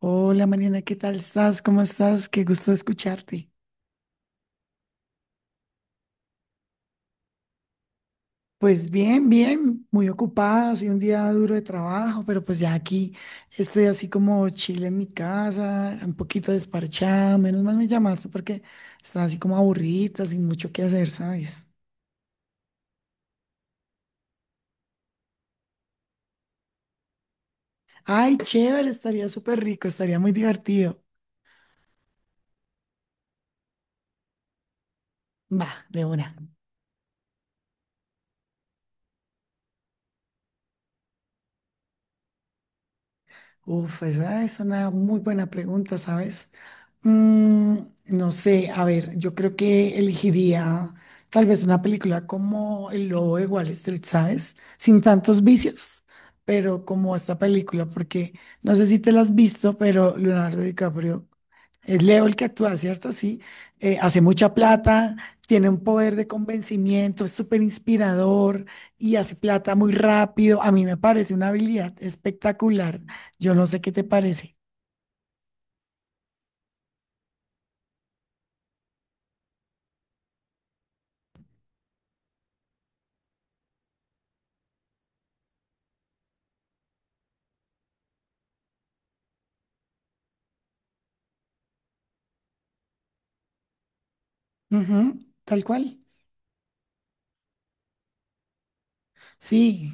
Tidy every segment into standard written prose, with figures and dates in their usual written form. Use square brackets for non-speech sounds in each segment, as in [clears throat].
Hola Mariana, ¿qué tal estás? ¿Cómo estás? Qué gusto escucharte. Pues bien, bien, muy ocupada, ha sido un día duro de trabajo, pero pues ya aquí estoy así como chile en mi casa, un poquito desparchada. Menos mal me llamaste porque estaba así como aburrida, sin mucho que hacer, ¿sabes? Ay, chévere, estaría súper rico, estaría muy divertido. Va, de una. Uf, esa es una muy buena pregunta, ¿sabes? Mm, no sé, a ver, yo creo que elegiría tal vez una película como El Lobo de Wall Street, ¿sabes? Sin tantos vicios, pero como esta película, porque no sé si te la has visto, pero Leonardo DiCaprio es Leo el que actúa, ¿cierto? Sí, hace mucha plata, tiene un poder de convencimiento, es súper inspirador y hace plata muy rápido. A mí me parece una habilidad espectacular. Yo no sé qué te parece. Ujú, tal cual. Sí.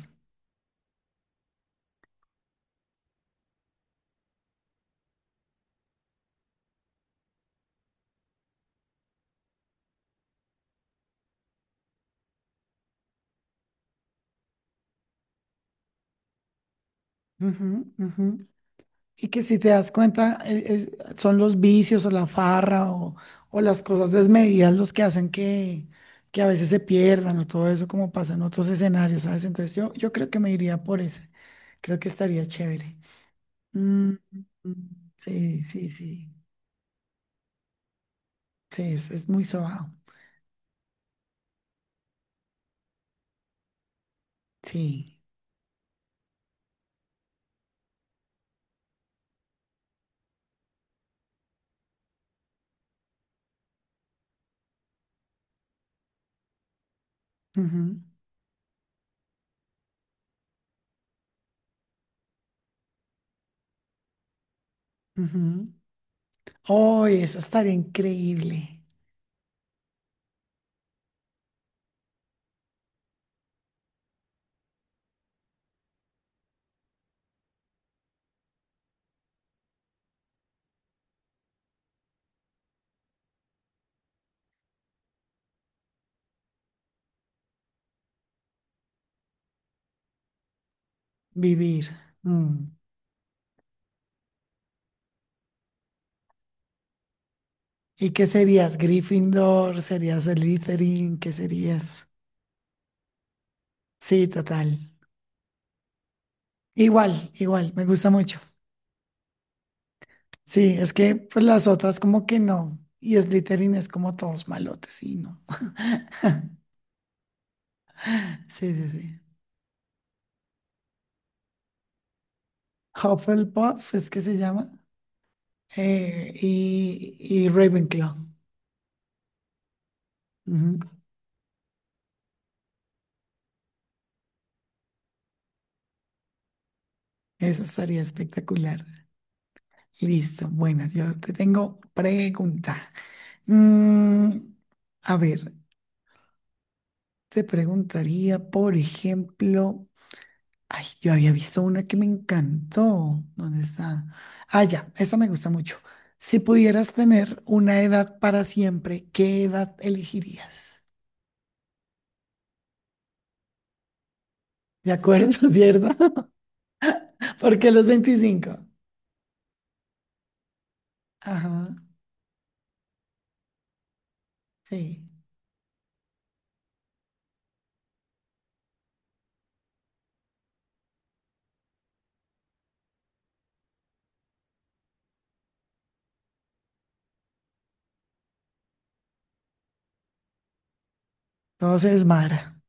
Ujú, ujú. Y que si te das cuenta, son los vicios o la farra o las cosas desmedidas los que hacen que a veces se pierdan o todo eso como pasa en otros escenarios, ¿sabes? Entonces yo creo que me iría por ese. Creo que estaría chévere. Mm, mm, sí, sí, sí. Sí, es muy sobado. Sí. Ujú, ujú. Oh, eso estaría increíble. Vivir. Mm. ¿Y qué serías? ¿Gryffindor? ¿Serías Slytherin? ¿Qué serías? Sí, total. Igual, igual, me gusta mucho. Sí, es que pues, las otras como que no. Y Slytherin es como todos malotes, y no. [laughs] Sí, sí, sí. Hufflepuff es que se llama. Y Ravenclaw. Ujú, eso estaría espectacular. Listo. Bueno, yo te tengo pregunta. Mm, a ver, te preguntaría, por ejemplo. Ay, yo había visto una que me encantó. ¿Dónde está? Ah, ya, esa me gusta mucho. Si pudieras tener una edad para siempre, ¿qué edad elegirías? ¿De acuerdo, [laughs] cierto? [laughs] Porque los 25. Ajá, sí. Todo se desmadra.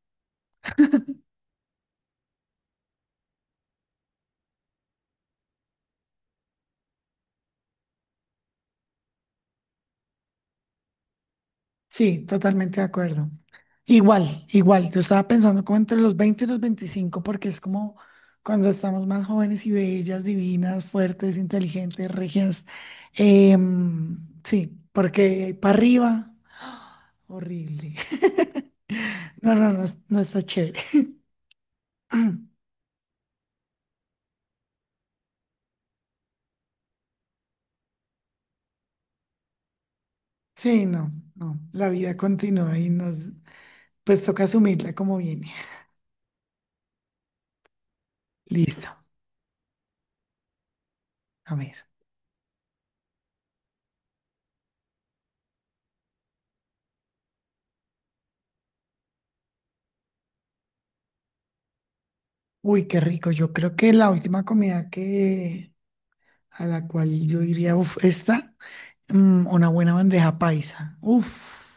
Sí, totalmente de acuerdo. Igual, igual. Yo estaba pensando como entre los 20 y los 25, porque es como cuando estamos más jóvenes y bellas, divinas, fuertes, inteligentes, regias. Sí, porque para arriba, horrible. [laughs] No, no, no, no está chévere. [clears throat] Sí, no, no. La vida continúa y nos, pues toca asumirla como viene. Listo. A ver. Uy, qué rico. Yo creo que la última comida que a la cual yo iría, uf, esta. Mm, una buena bandeja paisa. Uf,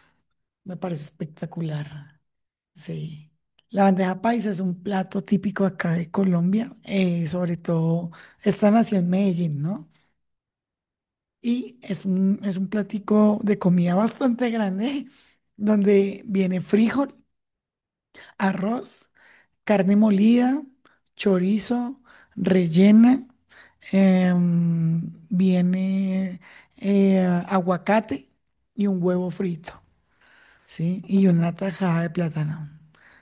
me parece espectacular. Sí. La bandeja paisa es un plato típico acá de Colombia, sobre todo esta nació en Medellín, ¿no? Y es un platico de comida bastante grande, [laughs] donde viene frijol, arroz, carne molida, chorizo, rellena, viene eh, aguacate y un huevo frito. Sí, y una tajada de plátano.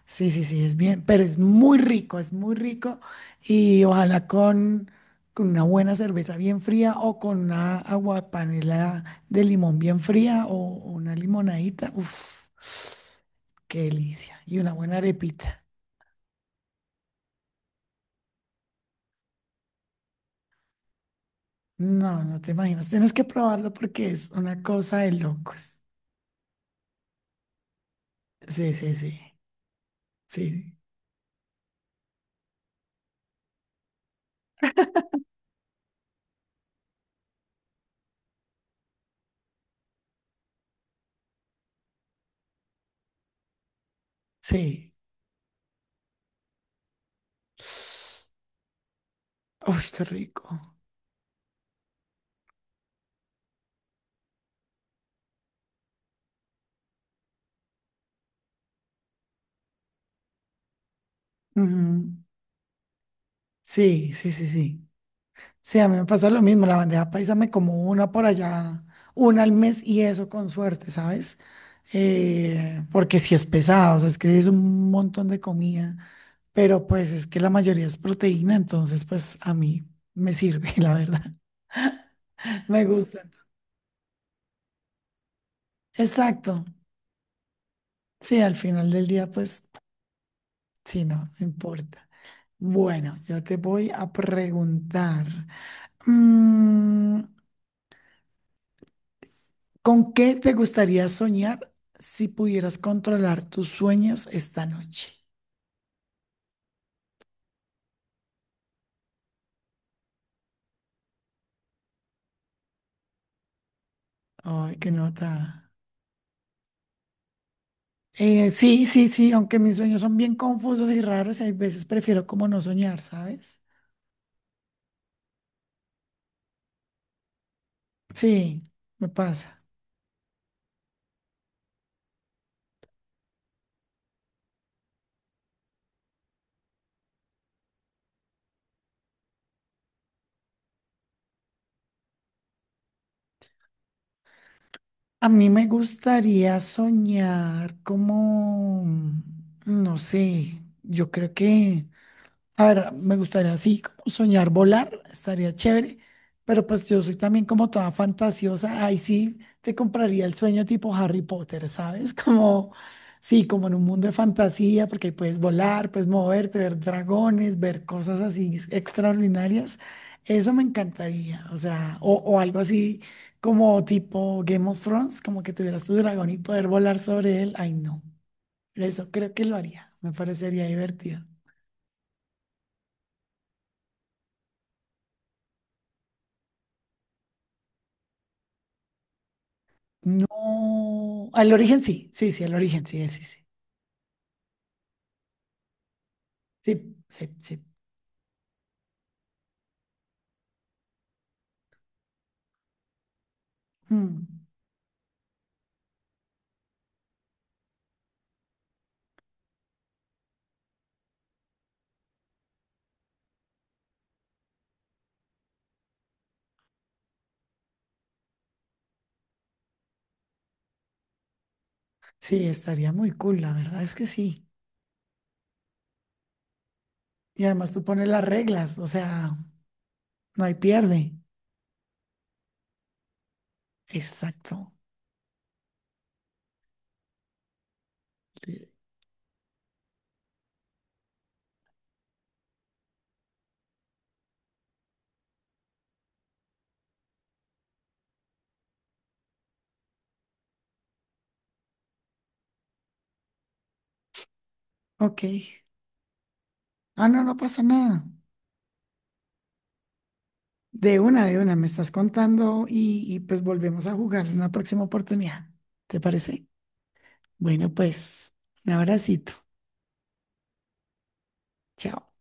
Sí, sí, sí, es bien, pero es muy rico, es muy rico. Y ojalá con una buena cerveza bien fría o con una aguapanela de limón bien fría o una limonadita. Uf, qué delicia. Y una buena arepita. No, no te imaginas. Tienes que probarlo porque es una cosa de locos. Sí, sí, sí. Sí, sí. Uf, qué rico. Ujú. Sí, sí, sí, sí. Sí, a mí me pasa lo mismo, la bandeja paisa me como una por allá, una al mes y eso con suerte, ¿sabes? Porque si es pesado, o sea, es que es un montón de comida, pero pues es que la mayoría es proteína, entonces pues a mí me sirve, [laughs] la verdad, me gusta. Exacto, sí, al final del día pues sí, no, no importa. Bueno, yo te voy a preguntar. mm, ¿Con qué te gustaría soñar si pudieras controlar tus sueños esta noche? Ay, qué nota. Sí, sí, sí, aunque mis sueños son bien confusos y raros, hay veces prefiero como no soñar, ¿sabes? Sí, me pasa. A mí me gustaría soñar como, no sé, yo creo que a ver, me gustaría así como soñar volar, estaría chévere, pero pues yo soy también como toda fantasiosa, ahí sí te compraría el sueño tipo Harry Potter, ¿sabes? [laughs] Como, sí, como en un mundo de fantasía, porque ahí puedes volar, puedes moverte, ver dragones, ver cosas así extraordinarias, eso me encantaría, o sea, o algo así como tipo Game of Thrones, como que tuvieras tu dragón y poder volar sobre él, ay no, eso creo que lo haría, me parecería divertido. No, al origen sí, sí, sí, al origen sí, sí, sí, sí, sí, sí. Mm, sí, estaría muy cool, la verdad es que sí. Y además tú pones las reglas, o sea, no hay pierde. Exacto. Sí. Ok. Ah, no, no pasa nada. De una, me estás contando y pues volvemos a jugar en una próxima oportunidad. ¿Te parece? Bueno, pues, un abracito. Chao.